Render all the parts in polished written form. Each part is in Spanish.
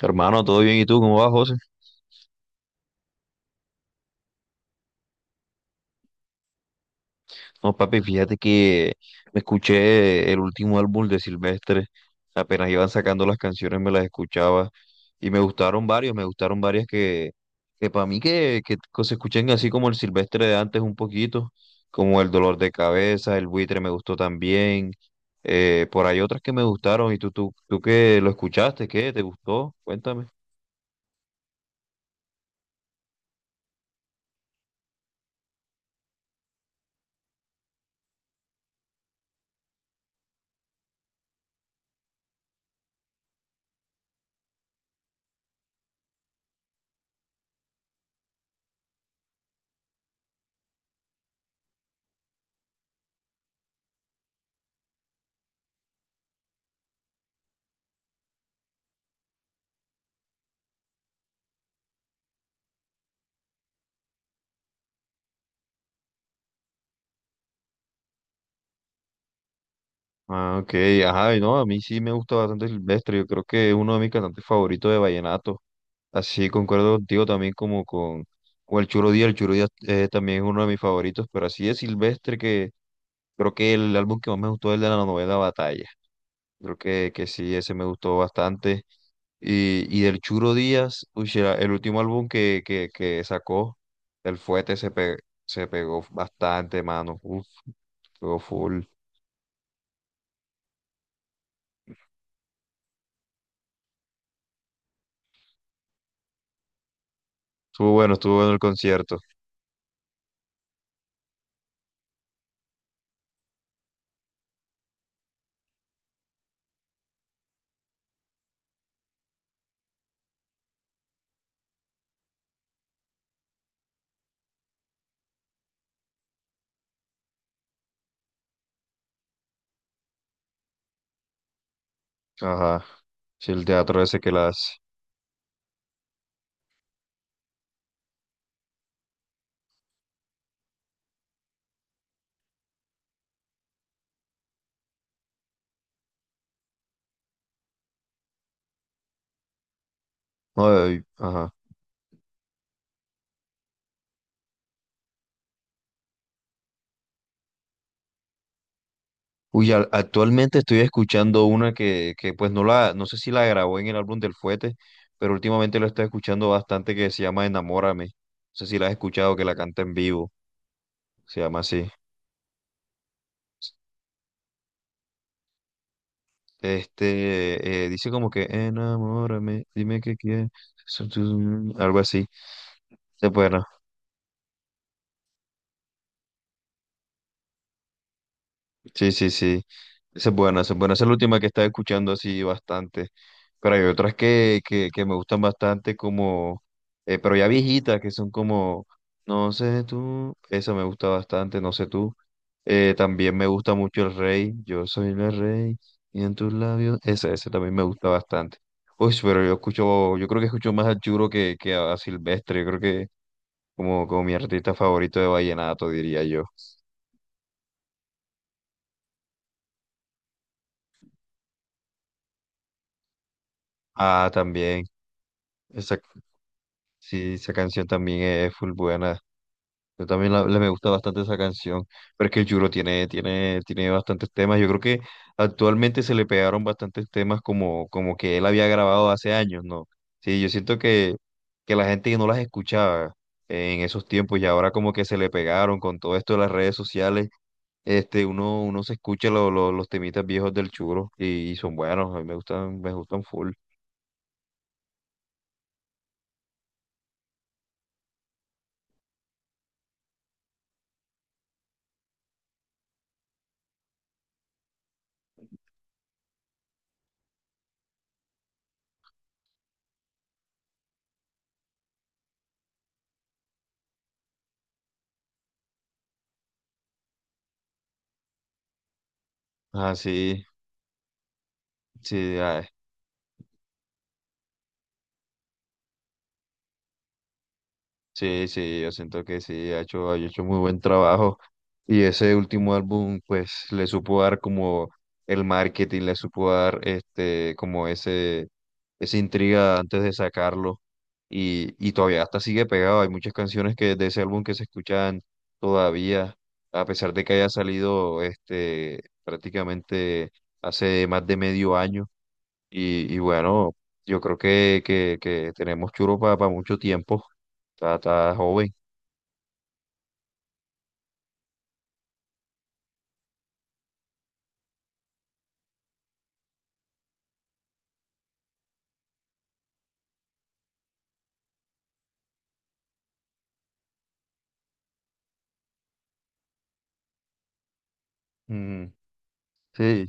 Hermano, ¿todo bien? ¿Y tú cómo vas, José? No, papi, fíjate que me escuché el último álbum de Silvestre. Apenas iban sacando las canciones, me las escuchaba y me gustaron varios, me gustaron varias que para mí que se escuchen así como el Silvestre de antes un poquito, como El Dolor de Cabeza, El Buitre me gustó también. Por ahí otras que me gustaron. ¿Y tú qué lo escuchaste? ¿Qué? ¿Te gustó? Cuéntame. Ah, ok, ajá, y no, a mí sí me gusta bastante Silvestre, yo creo que es uno de mis cantantes favoritos de vallenato. Así concuerdo contigo también con el Churo Díaz también es uno de mis favoritos, pero así de Silvestre que creo que el álbum que más me gustó es el de la novela Batalla. Creo que sí, ese me gustó bastante. Y del Churo Díaz, uy, sí, era el último álbum que sacó, El Fuete, se pegó bastante, mano. Uf, pegó full. Estuvo bueno el concierto. Ajá. Sí, el teatro ese que la hace. No, y- ajá. Uy, actualmente estoy escuchando una que pues no la, no sé si la grabó en el álbum del Fuete, pero últimamente lo estoy escuchando bastante que se llama Enamórame. No sé si la has escuchado, que la canta en vivo. Se llama así. Dice como que enamórame, dime qué quieres. Mm, algo así. Está bueno. Sí, sí, sí. Esa es buena, esa es buena. Esa es la última que estaba escuchando así bastante. Pero hay otras que me gustan bastante pero ya viejitas, que son como, no sé tú, esa me gusta bastante, no sé tú. También me gusta mucho el rey, yo soy el rey, y en tus labios, esa también me gusta bastante. Uy, pero yo escucho, yo creo que escucho más a Churo que a Silvestre, yo creo que como, como mi artista favorito de vallenato, diría yo. Ah, también. Exacto. Sí, esa canción también es full buena. Yo también me gusta bastante esa canción. Pero es que el Juro tiene bastantes temas. Yo creo que actualmente se le pegaron bastantes temas como, como que él había grabado hace años, ¿no? Sí, yo siento que la gente no las escuchaba en esos tiempos y ahora como que se le pegaron con todo esto de las redes sociales. Uno se escucha los temitas viejos del Churo y son buenos, a mí me gustan full. Ah, sí, sí, ah, sí, sí, yo siento que sí, ha hecho muy buen trabajo. Y ese último álbum, pues, le supo dar como el marketing, le supo dar como ese, esa intriga antes de sacarlo. Y todavía hasta sigue pegado. Hay muchas canciones que de ese álbum que se escuchan todavía, a pesar de que haya salido prácticamente hace más de medio año. Y bueno, yo creo que tenemos churro para mucho tiempo. Está, está joven. Mm, sí,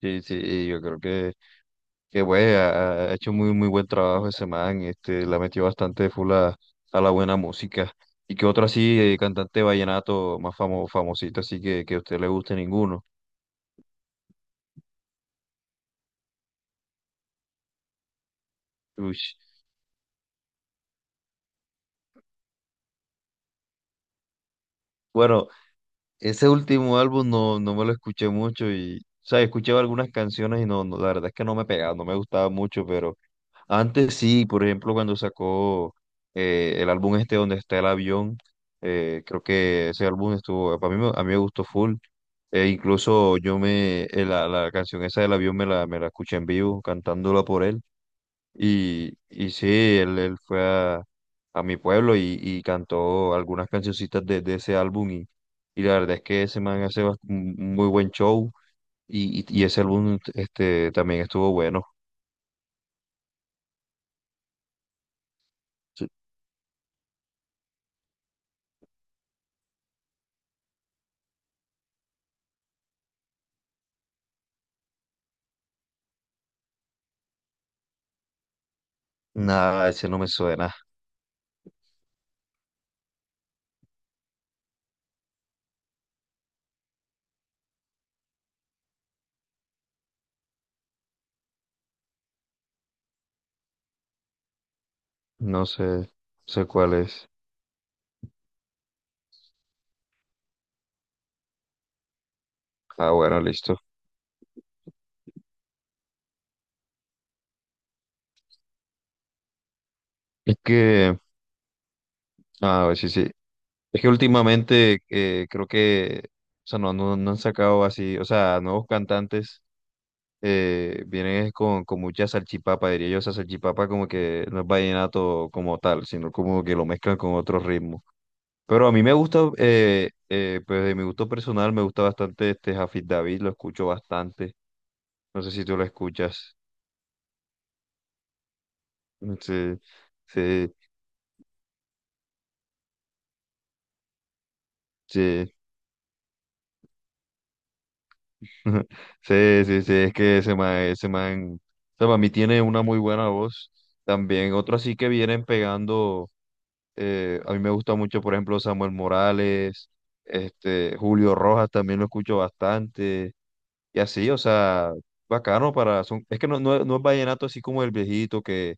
sí, sí. Y yo creo que, ha, ha hecho muy, muy buen trabajo ese man. La metió bastante full a la buena música. ¿Y qué otro así, cantante vallenato más famosito, así que a usted le guste ninguno? Uy. Bueno, ese último álbum no, no me lo escuché mucho y, o sea, escuché algunas canciones y no, no, la verdad es que no me pegaba, no me gustaba mucho, pero antes sí, por ejemplo, cuando sacó el álbum este donde está el avión, creo que ese álbum estuvo, para mí, a mí me gustó full. E incluso yo me, la, la canción esa del avión me la escuché en vivo, cantándola por él. Y sí, él fue a mi pueblo y cantó algunas cancioncitas de ese álbum y la verdad es que ese man hace un muy buen show y ese álbum este, también estuvo bueno. Sí. Nada, ese no me suena, no sé, no sé cuál es. Ah, bueno, listo. Es que, ah, sí, sí. Es que últimamente creo que, o sea, no, no, no han sacado así, o sea, nuevos cantantes vienen es con mucha salchipapa, diría yo, esa salchipapa como que no es vallenato como tal, sino como que lo mezclan con otro ritmo. Pero a mí me gusta, pues de mi gusto personal, me gusta bastante este Jafid David, lo escucho bastante. No sé si tú lo escuchas. Sí, sí, sí. Sí, sí, sí, es que ese man a mí tiene una muy buena voz. También otro así que vienen pegando. A mí me gusta mucho, por ejemplo, Samuel Morales, Julio Rojas también lo escucho bastante, y así, o sea, bacano para, son, es que no es vallenato así como el viejito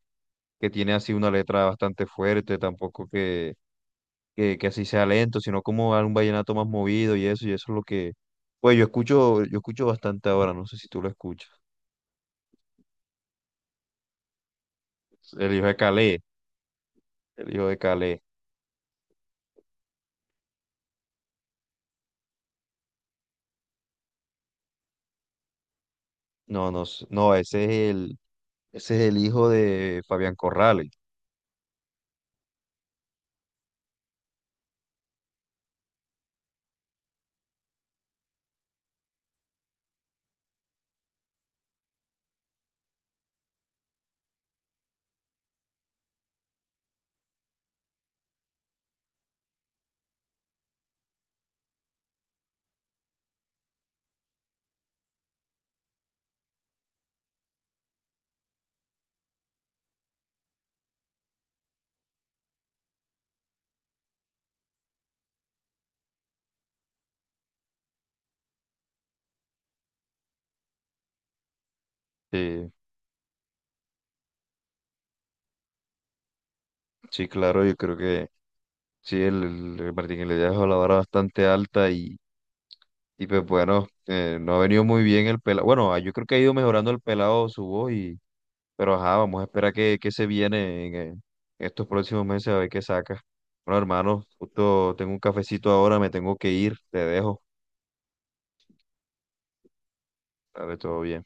que tiene así una letra bastante fuerte, tampoco que así sea lento, sino como un vallenato más movido y eso es lo que, pues yo escucho bastante ahora, no sé si tú lo escuchas, el hijo de el hijo de Calé, no, no, no, ese es ese es el hijo de Fabián Corrales. Sí. Sí, claro, yo creo que sí, el, el Martín Iglesias dejó la vara bastante alta y pues bueno, no ha venido muy bien el pelado. Bueno, ah, yo creo que ha ido mejorando el pelado su voz y, pero ajá, vamos a esperar que se viene en, estos próximos meses a ver qué saca. Bueno, hermano, justo tengo un cafecito ahora, me tengo que ir, te dejo. Dale, todo bien.